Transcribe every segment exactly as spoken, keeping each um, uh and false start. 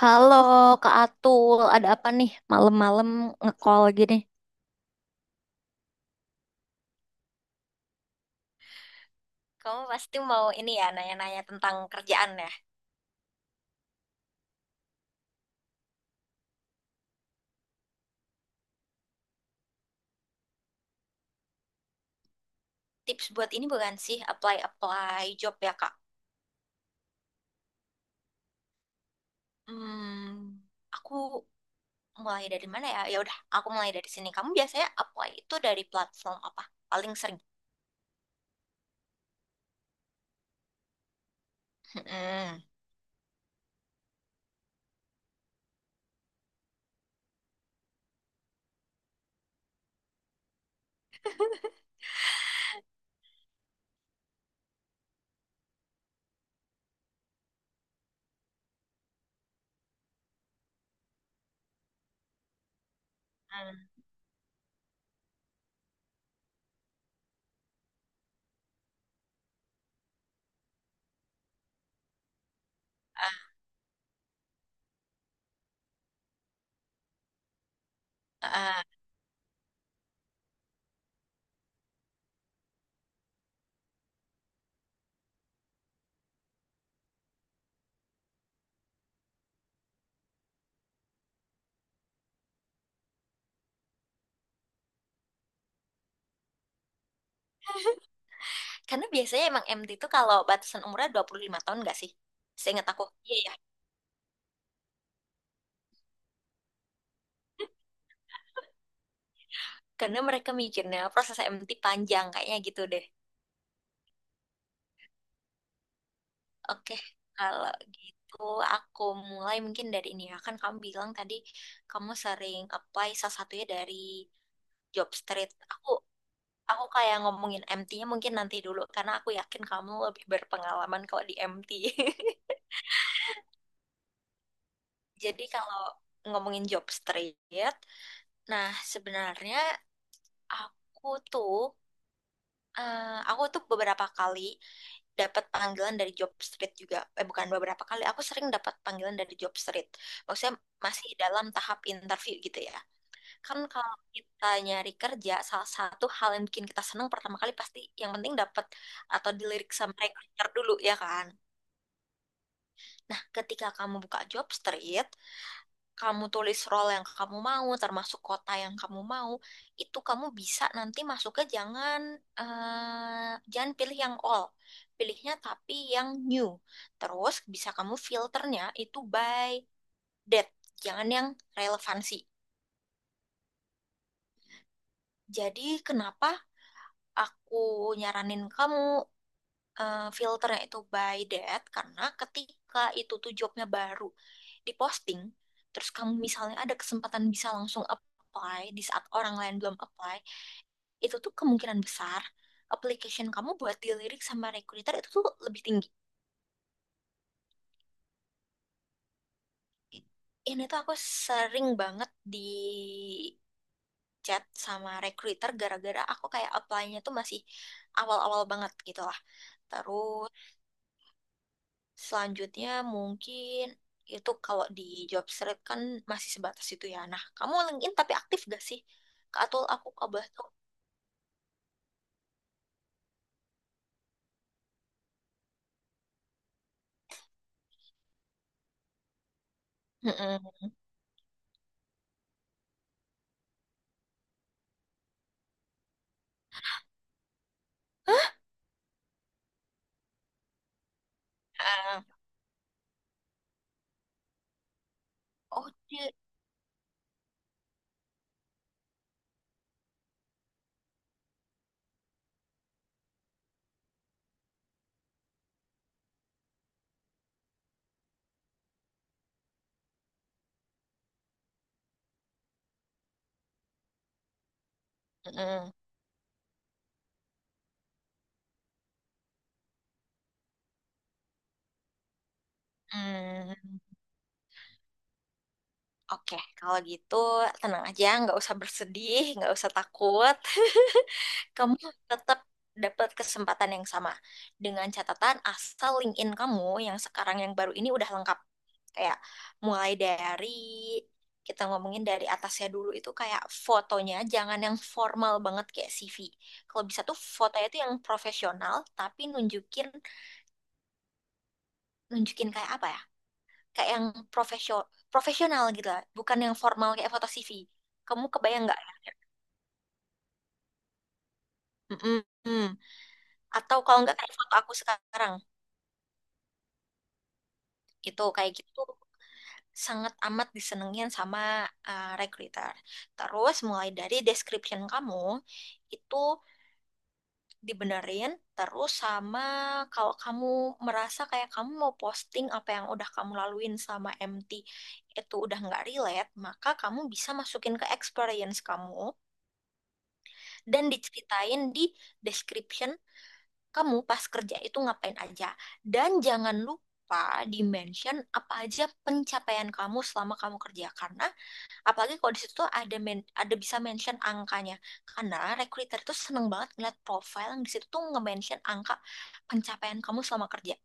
Halo Kak Atul, ada apa nih malam-malam nge-call gini? Kamu pasti mau ini ya, nanya-nanya tentang kerjaan ya. Tips buat ini bukan sih, apply-apply job ya, Kak? Hmm, aku mulai dari mana ya? Ya udah, aku mulai dari sini. Kamu biasanya apply itu dari platform apa? Paling sering. Hmm. Hmm. Ah, ah, ah. Karena biasanya emang M T itu kalau batasan umurnya dua puluh lima tahun nggak sih? Seingat aku. Iya ya. Karena mereka mikirnya proses M T panjang kayaknya gitu deh. Oke, kalau gitu aku mulai mungkin dari ini ya. Kan kamu bilang tadi kamu sering apply salah satunya dari job street. Aku aku kayak ngomongin M T-nya mungkin nanti dulu karena aku yakin kamu lebih berpengalaman kalau di M T. Jadi kalau ngomongin job street, nah sebenarnya aku tuh eh, aku tuh beberapa kali dapat panggilan dari job street juga. Eh, bukan beberapa kali, aku sering dapat panggilan dari job street. Maksudnya masih dalam tahap interview gitu ya. Kan kalau kita nyari kerja, salah satu hal yang bikin kita senang pertama kali pasti yang penting dapat atau dilirik sama recruiter dulu ya kan. Nah, ketika kamu buka job street, kamu tulis role yang kamu mau, termasuk kota yang kamu mau, itu kamu bisa nanti masuknya jangan eh, jangan pilih yang all, pilihnya tapi yang new. Terus bisa kamu filternya itu by date, jangan yang relevansi. Jadi kenapa aku nyaranin kamu eh, filternya itu by date? Karena ketika itu tuh jobnya baru diposting, terus kamu misalnya ada kesempatan bisa langsung apply di saat orang lain belum apply, itu tuh kemungkinan besar application kamu buat dilirik sama recruiter itu tuh lebih tinggi. Ini tuh aku sering banget di chat sama recruiter gara-gara aku kayak apply-nya tuh masih awal-awal banget gitu lah. Terus selanjutnya mungkin itu kalau di job street kan masih sebatas itu ya. Nah, kamu LinkedIn tapi aktif gak sih? Kak Atul aku kabar tuh. Mm-mm. Ah, oh, dia. Mm-mm. Mm. Oke, kalau gitu tenang aja, nggak usah bersedih, nggak usah takut. Kamu tetap dapat kesempatan yang sama. Dengan catatan asal LinkedIn kamu yang sekarang yang baru ini udah lengkap. Kayak mulai dari, kita ngomongin dari atasnya dulu itu kayak fotonya, jangan yang formal banget kayak C V. Kalau bisa tuh fotonya tuh yang profesional, tapi nunjukin, nunjukin kayak apa ya? Kayak yang profesional profesional gitu lah, bukan yang formal kayak foto C V. Kamu kebayang nggak? Mm-mm. Atau kalau nggak kayak foto aku sekarang gitu, kayak gitu sangat amat disenengin sama uh, recruiter. Terus mulai dari description kamu itu dibenerin, terus sama kalau kamu merasa kayak kamu mau posting apa yang udah kamu laluin sama M T itu udah nggak relate, maka kamu bisa masukin ke experience kamu dan diceritain di description kamu pas kerja itu ngapain aja. Dan jangan lupa di mention apa aja pencapaian kamu selama kamu kerja karena apalagi kalau di situ ada men- ada bisa mention angkanya. Karena recruiter itu seneng banget ngeliat profile yang di situ tuh nge-mention angka pencapaian kamu selama kerja.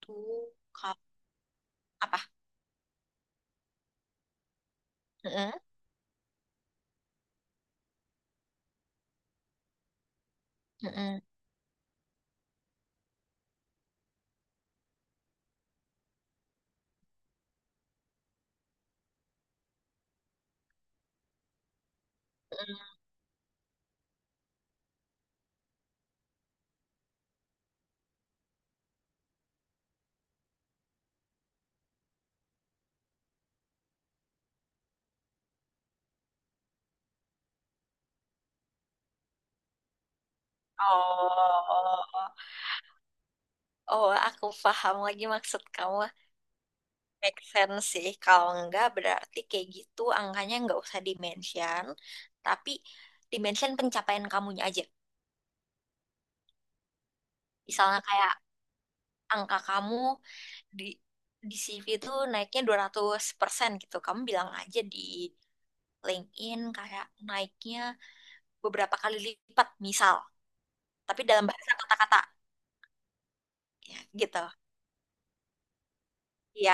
Tuh kap- apa? Mm-mm, mm-mm, mm-mm. Oh, oh, oh, aku paham lagi maksud kamu. Make sense sih, kalau enggak berarti kayak gitu angkanya enggak usah dimention, tapi dimension pencapaian kamunya aja. Misalnya kayak angka kamu di di C V itu naiknya dua ratus persen gitu. Kamu bilang aja di LinkedIn kayak naiknya beberapa kali lipat misal, tapi dalam bahasa kata-kata ya gitu. Ya,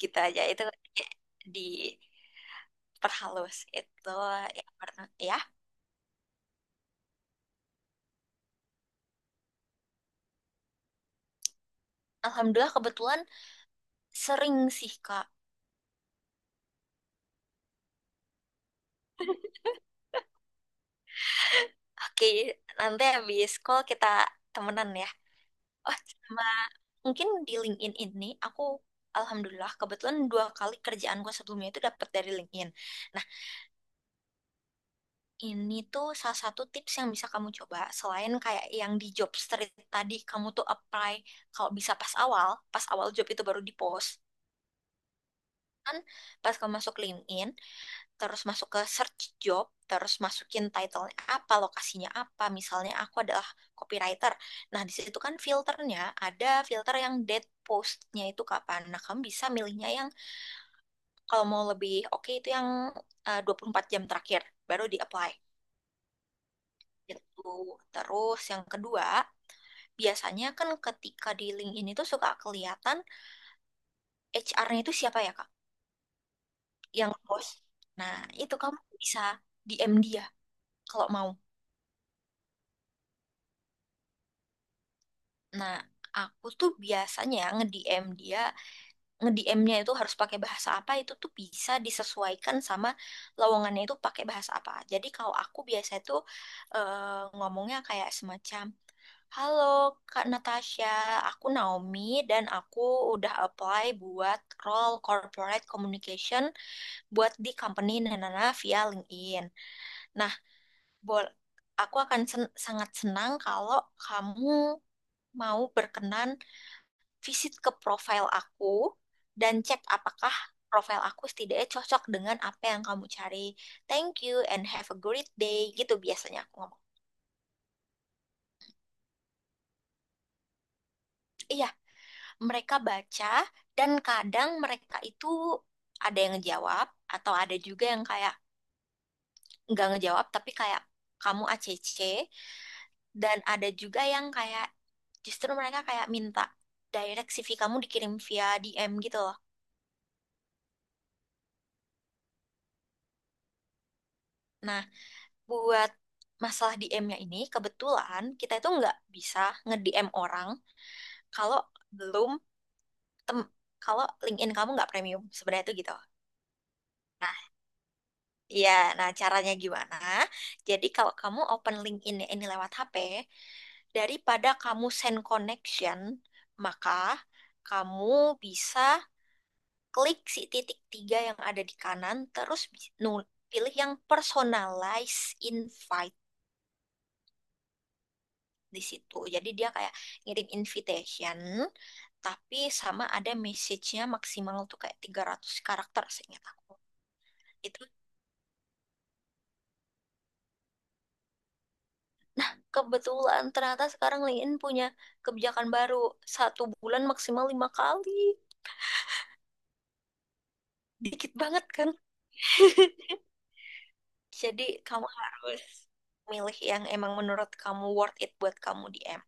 gitu aja itu di perhalus itu ya pernah ya alhamdulillah kebetulan sering sih, Kak. Oke, nanti habis call kita temenan ya. Oh, sama mungkin di LinkedIn ini aku alhamdulillah kebetulan dua kali kerjaanku sebelumnya itu dapat dari LinkedIn. Nah, ini tuh salah satu tips yang bisa kamu coba selain kayak yang di job street tadi kamu tuh apply kalau bisa pas awal, pas awal job itu baru di post. Kan pas kamu masuk LinkedIn terus masuk ke search job, terus masukin title-nya apa, lokasinya apa. Misalnya aku adalah copywriter. Nah, di situ kan filternya ada filter yang date post-nya itu kapan. Nah, kamu bisa milihnya yang kalau mau lebih oke okay, itu yang uh, dua puluh empat jam terakhir baru di-apply. Gitu. Terus yang kedua, biasanya kan ketika di LinkedIn itu suka kelihatan H R-nya itu siapa ya, Kak? Yang bos. Nah, itu kamu bisa D M dia kalau mau. Nah, aku tuh biasanya nge-D M dia, nge-D M-nya itu harus pakai bahasa apa itu tuh bisa disesuaikan sama lowongannya itu pakai bahasa apa. Jadi kalau aku biasa itu eh, ngomongnya kayak semacam, Halo Kak Natasha, aku Naomi dan aku udah apply buat role corporate communication buat di company Nanana via LinkedIn. Nah, bol aku akan sen- sangat senang kalau kamu mau berkenan visit ke profil aku dan cek apakah profil aku setidaknya cocok dengan apa yang kamu cari. Thank you and have a great day. Gitu biasanya aku ngomong. Iya, mereka baca dan kadang mereka itu ada yang ngejawab atau ada juga yang kayak nggak ngejawab tapi kayak kamu A C C dan ada juga yang kayak justru mereka kayak minta direct C V kamu dikirim via D M gitu loh. Nah, buat masalah D M-nya ini, kebetulan kita itu nggak bisa nge-D M orang kalau belum tem kalau LinkedIn kamu nggak premium sebenarnya itu gitu. Nah, iya, nah caranya gimana? Jadi kalau kamu open LinkedIn ya, ini lewat H P, daripada kamu send connection, maka kamu bisa klik si titik tiga yang ada di kanan, terus bi- nu- pilih yang personalized invite. Di situ. Jadi dia kayak ngirim invitation, tapi sama ada message-nya maksimal tuh kayak tiga ratus karakter seingat aku. Itu kebetulan ternyata sekarang LinkedIn punya kebijakan baru. Satu bulan maksimal lima kali. Dikit banget kan? Jadi kamu harus milih yang emang menurut kamu worth it buat kamu D M.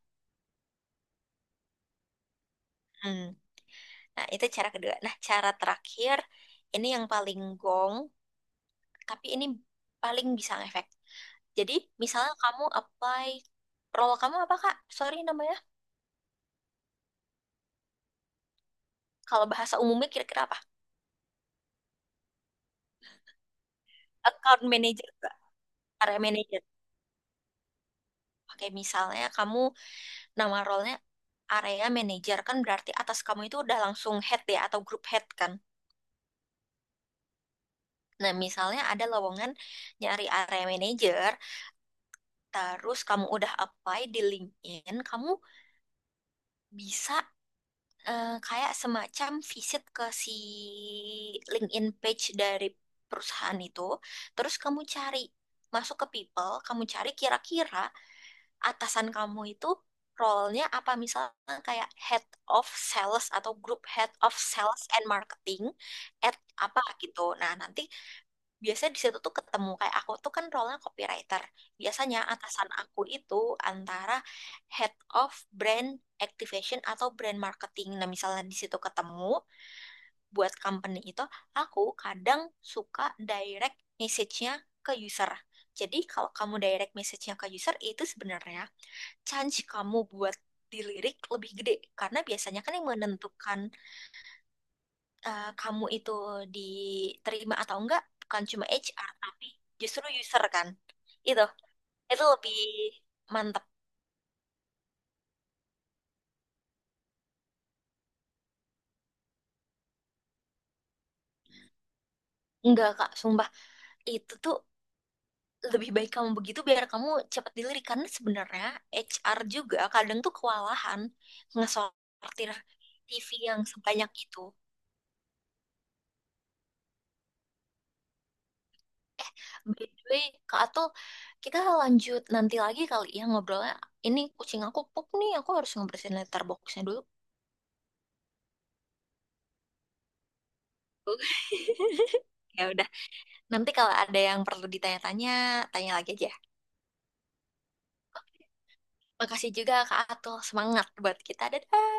Hmm. Nah, itu cara kedua. Nah, cara terakhir, ini yang paling gong, tapi ini paling bisa ngefek. Jadi misalnya kamu apply role kamu apa Kak? Sorry namanya. Kalau bahasa umumnya kira-kira apa? Account manager Kak. Area manager. Oke, misalnya kamu nama role-nya area manager kan berarti atas kamu itu udah langsung head ya atau group head kan. Nah, misalnya ada lowongan nyari area manager, terus kamu udah apply di LinkedIn, kamu bisa eh, kayak semacam visit ke si LinkedIn page dari perusahaan itu, terus kamu cari masuk ke people, kamu cari kira-kira atasan kamu itu role-nya apa misalnya kayak head of sales atau group head of sales and marketing at apa gitu. Nah, nanti biasanya di situ tuh ketemu kayak aku tuh kan role nya copywriter. Biasanya atasan aku itu antara head of brand activation atau brand marketing. Nah, misalnya di situ ketemu buat company itu, aku kadang suka direct message-nya ke user. Jadi kalau kamu direct message-nya ke user itu sebenarnya chance kamu buat dilirik lebih gede karena biasanya kan yang menentukan eh, kamu itu diterima atau enggak bukan cuma H R tapi justru user kan itu itu lebih mantap. Enggak kak, sumpah, itu tuh lebih baik kamu begitu biar kamu cepat dilirik karena sebenarnya H R juga kadang tuh kewalahan ngesortir T V yang sebanyak itu. By the way, Kak Atul, kita lanjut nanti lagi kali ya ngobrolnya. Ini kucing aku pup nih, aku harus ngebersihin litter boxnya dulu. Ya udah. Nanti kalau ada yang perlu ditanya-tanya, tanya lagi aja. Makasih juga Kak Atul. Semangat buat kita. Dadah.